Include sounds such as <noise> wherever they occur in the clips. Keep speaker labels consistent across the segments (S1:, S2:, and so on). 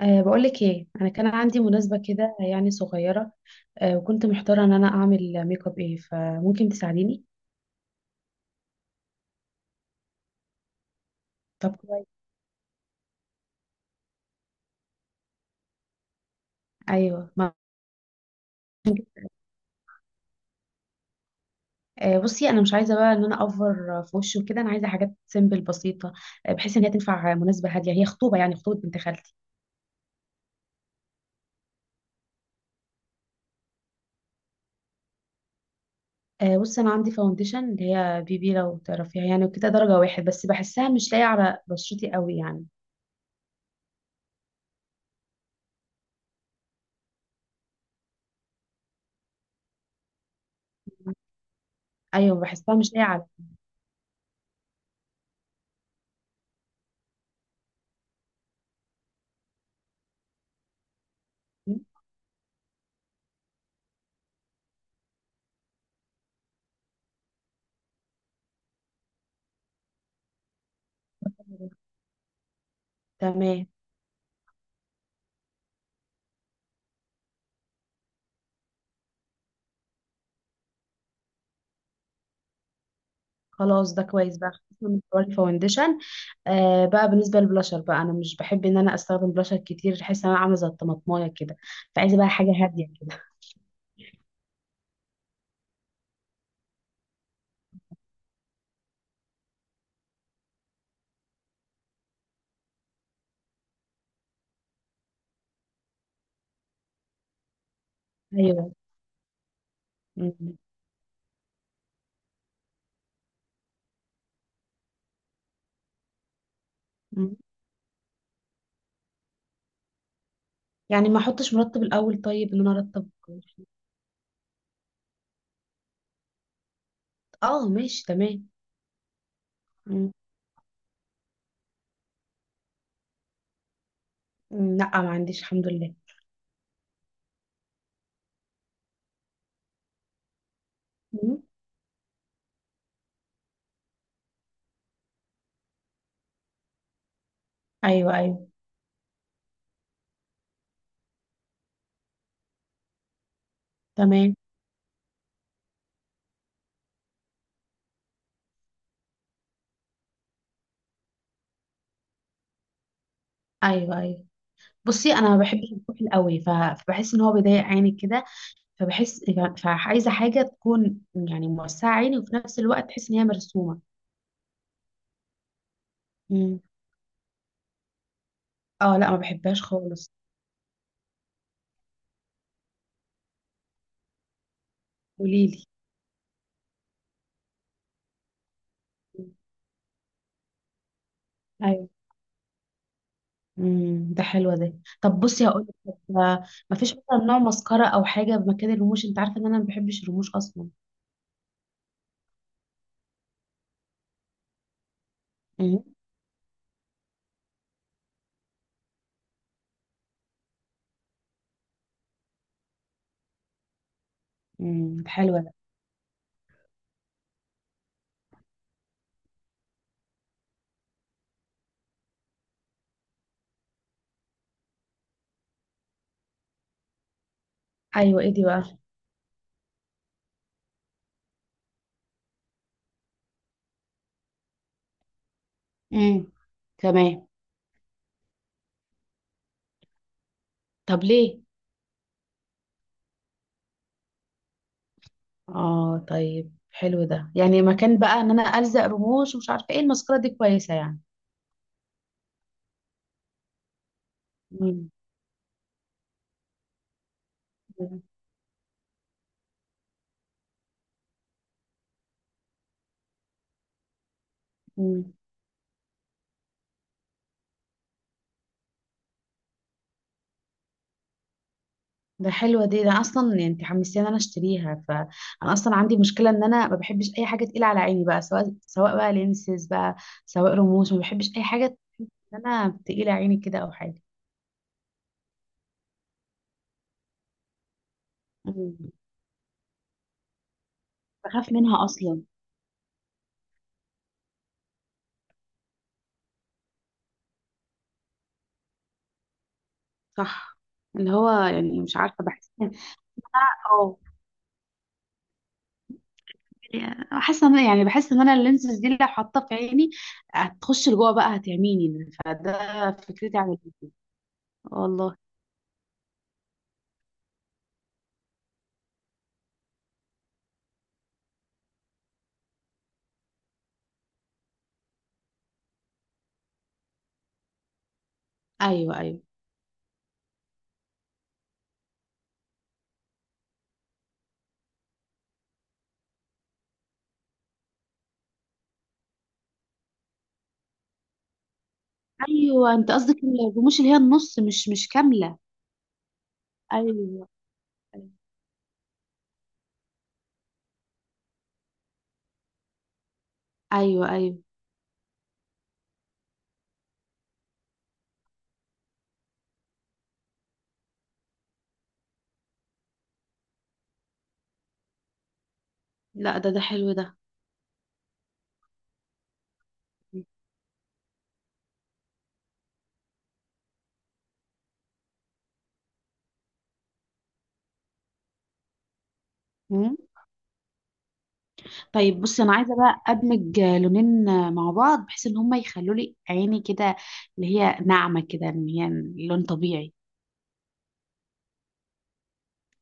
S1: أه بقولك ايه، انا كان عندي مناسبة كده يعني صغيرة. أه وكنت محتارة ان انا اعمل ميك اب ايه، فممكن تساعديني؟ طب كويس. ايوه ما. أه بصي، انا مش عايزة بقى ان انا اوفر في وشي وكده، انا عايزة حاجات سيمبل بسيطة. أه بحيث ان هي تنفع مناسبة هادية، هي خطوبة يعني خطوبة بنت خالتي. أه بصي، انا عندي فاونديشن اللي هي بي بي لو تعرفيها يعني، وكده درجة واحد، بس بحسها مش لايقة على بشرتي قوي يعني. ايوه، بحسها مش لايقة على. تمام. خلاص، ده كويس بقى، خلصنا من حوار الفاونديشن. آه بقى بالنسبه للبلاشر بقى، انا مش بحب ان انا استخدم بلاشر كتير، بحس ان انا عامله زي الطماطمايه كده. فعايزه بقى حاجه هاديه كده. <laughs> ايوه. م- م. يعني ما احطش مرطب الاول، طيب ان انا ارطب؟ اه، ماشي تمام. م. م، لا ما عنديش الحمد لله. م. ايوه، ايوه. تمام. ايوه، ايوه، بصي انا ما بحبش الكحل قوي فبحس ان هو بيضايق عيني كده. فبحس فعايزه حاجه تكون يعني موسعه عيني، وفي نفس الوقت تحس ان هي مرسومه. م. اه، لا ما بحبهاش خالص. قوليلي. ايوه. امم، ده حلو ده. طب بصي هقول لك، ما فيش مثلا نوع مسكره او حاجه بمكان الرموش؟ انت عارفه ان انا ما بحبش الرموش اصلا. امم. امم، ده حلو ده. ايوه، ايه دي بقى؟ امم. تمام. طب ليه؟ اه، طيب حلو ده، يعني مكان بقى ان انا الزق رموش ومش عارفه ايه، المسكره دي كويسه يعني. امم، ده حلوة دي، ده أنا اصلا يعني انت حمستيني ان انا اشتريها، فانا اصلا عندي مشكلة ان انا ما بحبش اي حاجة تقيلة على عيني بقى، سواء بقى لينسز بقى، سواء رموش، ما بحبش اي حاجة، ان انا تقيلة عيني كده او حاجة. مم. بخاف منها اصلا. صح. اللي هو يعني مش عارفه، بحس إن اه، حاسه ان يعني بحس ان انا اللينسز دي لو حاطاه في عيني، هتخش لجوه بقى، هتعميني فده، فكرتي عن والله. ايوه، ايوه، ايوه، انت قصدك الرموش اللي هي النص، مش كامله. ايوه، ايوه. ايوه، لا ده حلو ده. مم. طيب بصي، انا عايزه بقى ادمج لونين مع بعض، بحيث ان هما يخلوا لي عيني كده، اللي هي ناعمه كده، ان هي لون طبيعي.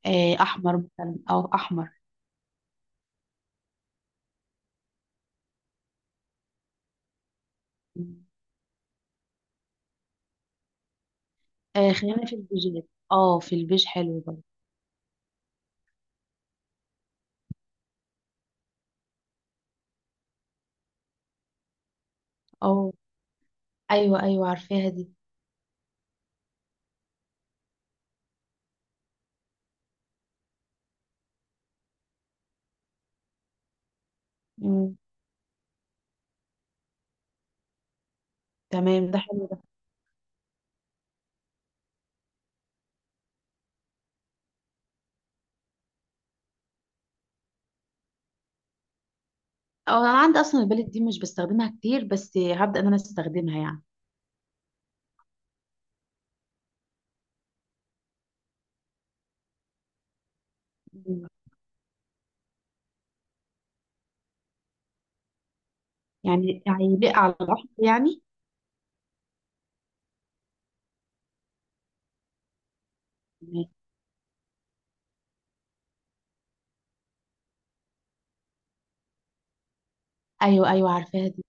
S1: آه، احمر مثلا او احمر. مم. آه، خلينا في البيجات، اه في البيج حلو برضه. اه. ايوه، ايوه عارفاها دي. مم. تمام، ده حلو ده. اه، انا عندي اصلا البالت دي مش بستخدمها كتير، بس هبدا ان انا استخدمها يعني. مم. يعني هيليق على الاحمر يعني؟ ايوه، ايوه عارفاها دي.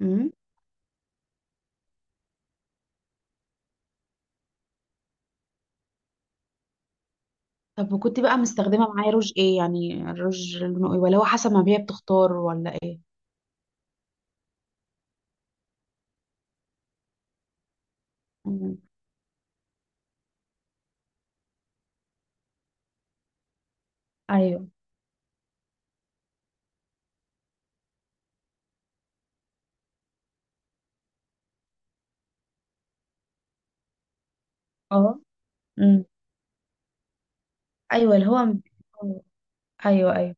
S1: امم. طب وكنت بقى مستخدمه معايا روج ايه؟ يعني الروج لونه ايه، ولا هو حسب ما هي بتختار، ولا ايه؟ مم. ايوه. اه. امم. ايوه اللي هو آه. ايوه، ايوه.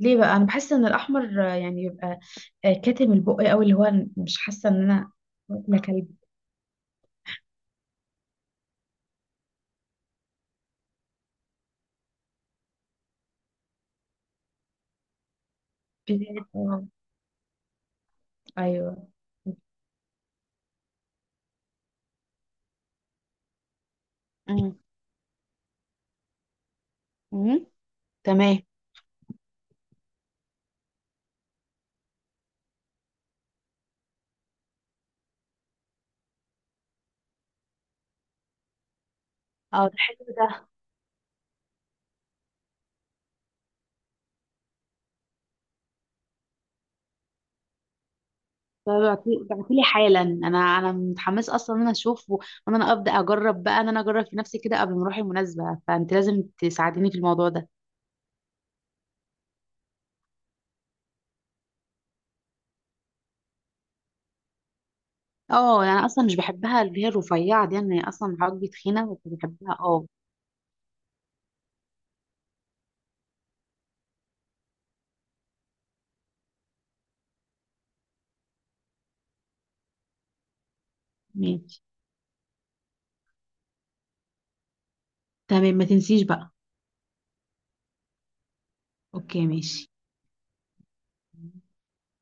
S1: ليه بقى؟ انا بحس ان الاحمر يعني بيبقى كاتم البق قوي، اللي هو مش حاسه ان انا واكله كلب. آه. ايوه. امم. امم. تمام. اه، ده حلو ده. فبعتلي حالا، انا متحمسه اصلا ان انا اشوفه، وان انا ابدا اجرب بقى ان انا اجرب في نفسي كده، قبل ما اروح المناسبه، فانت لازم تساعديني في الموضوع ده. اه، يعني انا اصلا مش بحبها اللي هي الرفيعه دي، انا اصلا عاجبي تخينه، بس بحبها اه. ماشي. تمام، ما تنسيش بقى. اوكي، ماشي.